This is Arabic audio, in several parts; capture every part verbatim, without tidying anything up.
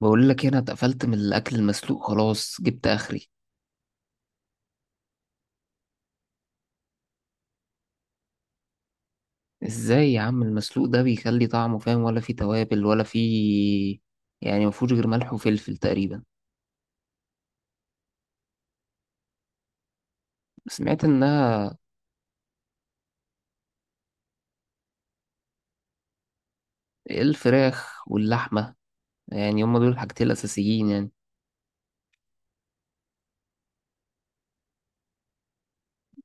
بقول لك ايه، انا اتقفلت من الاكل المسلوق خلاص جبت اخري. ازاي يا عم المسلوق ده بيخلي طعمه فاهم؟ ولا فيه توابل ولا فيه، يعني مفهوش غير ملح وفلفل تقريبا. سمعت انها الفراخ واللحمه، يعني هما دول الحاجتين الاساسيين يعني.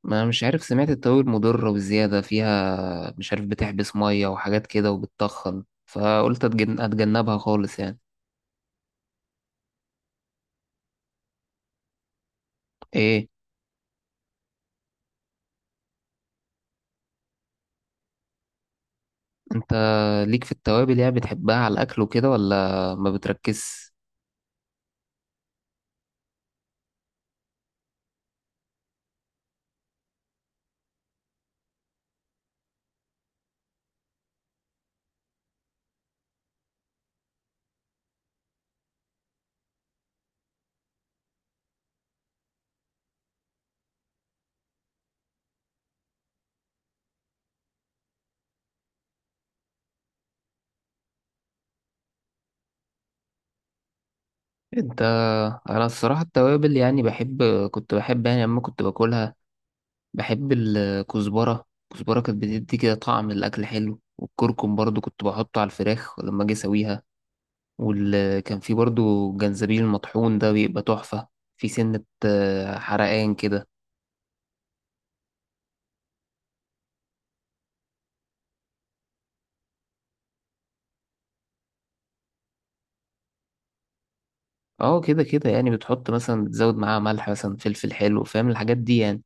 ما مش عارف، سمعت التوابل مضره وزياده فيها مش عارف بتحبس ميه وحاجات كده وبتطخن، فقلت أتجن- اتجنبها خالص يعني. ايه؟ انت ليك في التوابل يعني؟ بتحبها على الاكل وكده ولا ما بتركزش؟ انت انا الصراحه التوابل يعني بحب، كنت بحب يعني لما كنت باكلها. بحب الكزبره، الكزبره كانت بتدي كده طعم الاكل حلو، والكركم برضو كنت بحطه على الفراخ لما اجي اسويها. وكان في برضو الجنزبيل المطحون ده بيبقى تحفه. في سنه آه، حرقان كده. اه كده كده، يعني بتحط مثلا بتزود معاها ملح مثلا فلفل حلو، فاهم الحاجات دي يعني.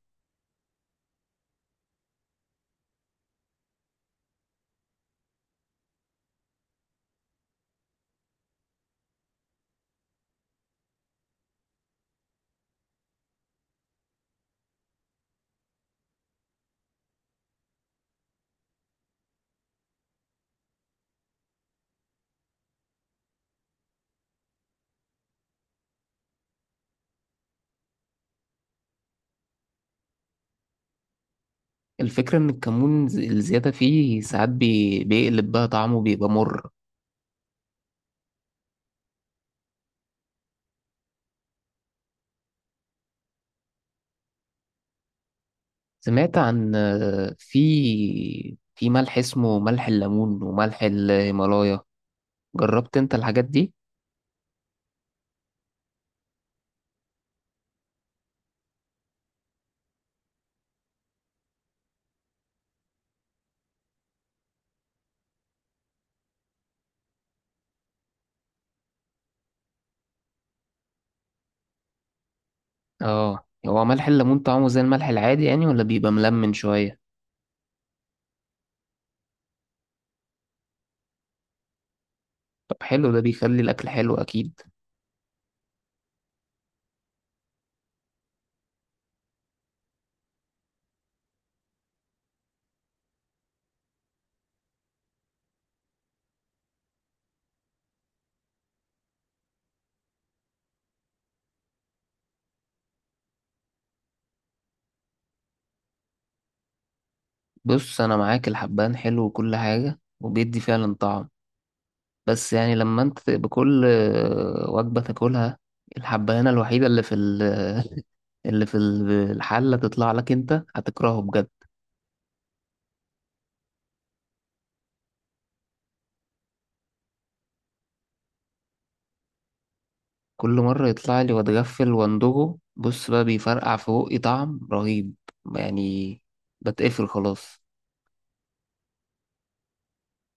الفكره ان الكمون ز- الزياده فيه ساعات بي- بيقلب بقى طعمه بيبقى مر. سمعت عن، في في ملح اسمه ملح الليمون وملح الهيمالايا، جربت انت الحاجات دي؟ اه هو ملح الليمون طعمه زي الملح العادي يعني ولا بيبقى ملمن شوية؟ طب حلو، ده بيخلي الاكل حلو اكيد. بص انا معاك، الحبان حلو وكل حاجة وبيدي فعلا طعم، بس يعني لما انت بكل وجبة تاكلها الحبانة الوحيدة اللي في ال- اللي في الحلة تطلع لك، انت هتكرهه بجد. كل مرة يطلع لي واتغفل واندوجه، بص بقى بيفرقع في بقي طعم رهيب يعني، بتقفل خلاص.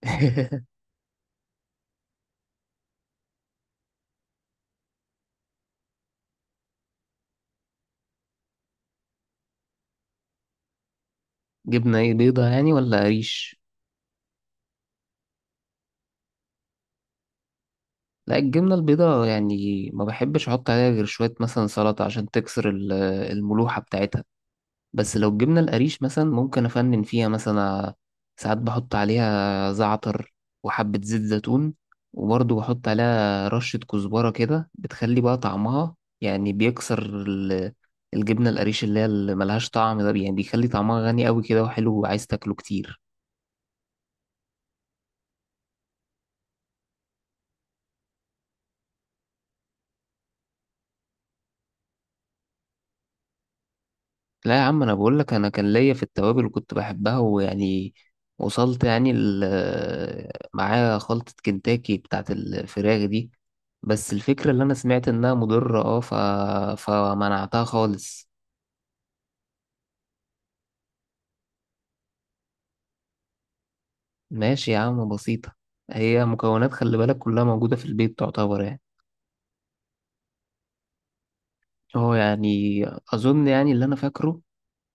جبنة ايه؟ بيضة يعني ولا قريش؟ لا الجبنة البيضة يعني ما بحبش احط عليها غير شوية مثلا سلطة عشان تكسر ال- الملوحة بتاعتها. بس لو جبنا القريش مثلا ممكن أفنن فيها مثلا، ساعات بحط عليها زعتر وحبة زيت زيتون، وبرضه بحط عليها رشة كزبرة كده بتخلي بقى طعمها، يعني بيكسر ال- الجبنة القريش اللي هي اللي ملهاش طعم ده، يعني بيخلي طعمها غني قوي كده وحلو وعايز تاكله كتير. لا يا عم انا بقول لك، انا كان ليا في التوابل وكنت بحبها ويعني وصلت يعني ال- معايا خلطة كنتاكي بتاعت الفراخ دي. بس الفكرة اللي انا سمعت انها مضرة اه ف... فمنعتها خالص. ماشي يا عم بسيطة، هي مكونات خلي بالك كلها موجودة في البيت تعتبر يعني. اه يعني اظن يعني اللي انا فاكره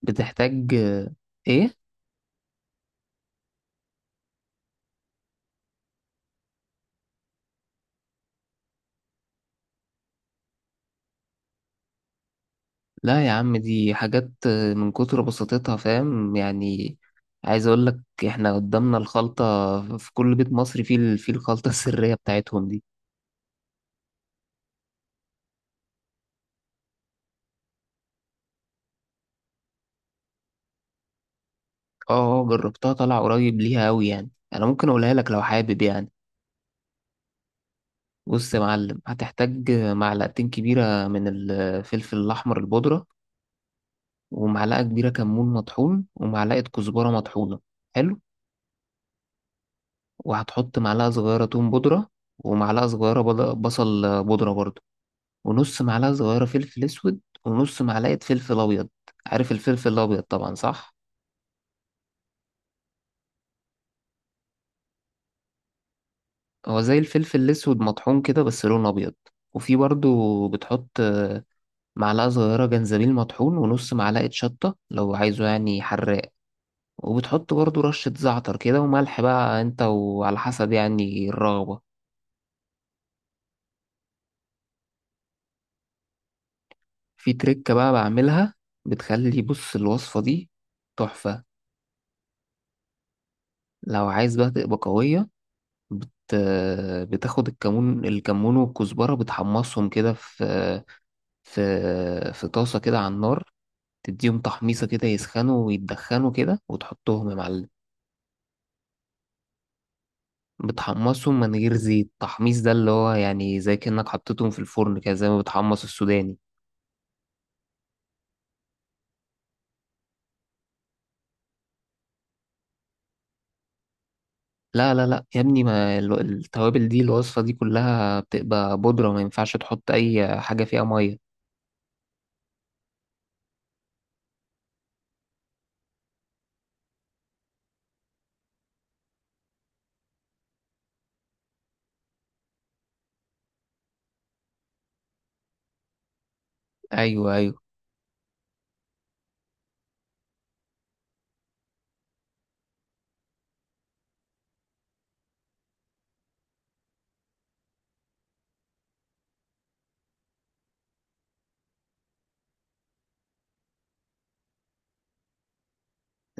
بتحتاج آه، ايه؟ لا يا عم دي حاجات من كتر بساطتها فاهم يعني. عايز اقول لك، احنا قدامنا الخلطة، في كل بيت مصري فيه ال- فيه الخلطة السرية بتاعتهم دي. اه آه، جربتها طالع قريب ليها قوي يعني، انا ممكن اقولها لك لو حابب يعني. بص يا معلم، هتحتاج معلقتين كبيرة من الفلفل الاحمر البودرة، ومعلقة كبيرة كمون مطحون، ومعلقة كزبرة مطحونة. حلو. وهتحط معلقة صغيرة توم بودرة، ومعلقة صغيرة بض- بصل بودرة برضه، ونص معلقة صغيرة فلفل أسود ونص معلقة فلفل أبيض. عارف الفلفل الأبيض طبعا صح؟ هو زي الفلفل الأسود مطحون كده بس لونه أبيض. وفي برضو بتحط آه، معلقة صغيرة جنزبيل مطحون، ونص معلقة شطة لو عايزه يعني حراق. وبتحط برضو رشة زعتر كده وملح بقى انت وعلى حسب يعني الرغبة. في تركة بقى بعملها بتخلي، بص الوصفة دي تحفة. لو عايز بقى تبقى قوية بت... بتاخد الكمون، الكمون والكزبرة بتحمصهم كده في في في طاسة كده على النار، تديهم تحميصة كده يسخنوا ويتدخنوا كده وتحطهم يا معلم. بتحمصهم من غير زيت، تحميص ده اللي هو يعني زي كأنك حطيتهم في الفرن كده زي ما بتحمص السوداني. لا لا لا يا ابني، ما ال- التوابل دي الوصفة دي كلها بتبقى بودرة، ما ينفعش تحط أي حاجة فيها مية. أيوه أيوه.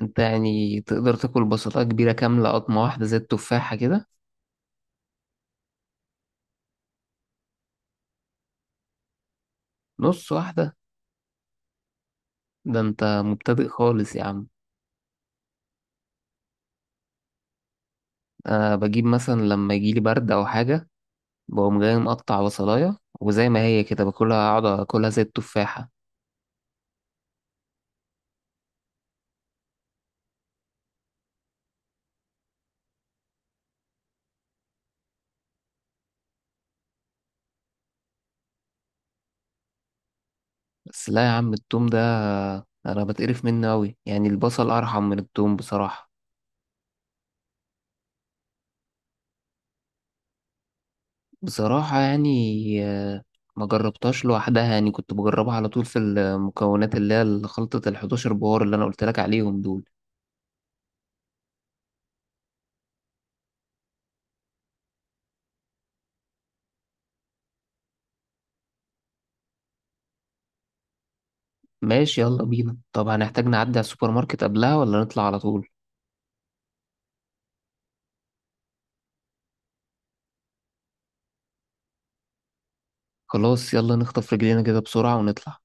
أنت يعني تقدر تاكل بسطة كبيرة كاملة قطمة واحدة زي التفاحة كده؟ نص واحدة؟ ده انت مبتدئ خالص يا عم. انا بجيب مثلا لما يجيلي برد او حاجه بقوم جاي مقطع بصلايه وزي ما هي كده باكلها، اقعد اكلها زي التفاحه. بس لا يا عم التوم ده انا بتقرف منه قوي يعني، البصل ارحم من التوم بصراحه. بصراحه يعني آه، ما جربتهاش لوحدها، يعني كنت بجربها على طول في المكونات اللي هي خلطه ال احد عشر بهار اللي انا قلت لك عليهم دول. ماشي يلا بينا، طب هنحتاج نعدي على السوبر ماركت قبلها ولا نطلع على طول؟ خلاص يلا نخطف رجلينا كده بسرعة ونطلع.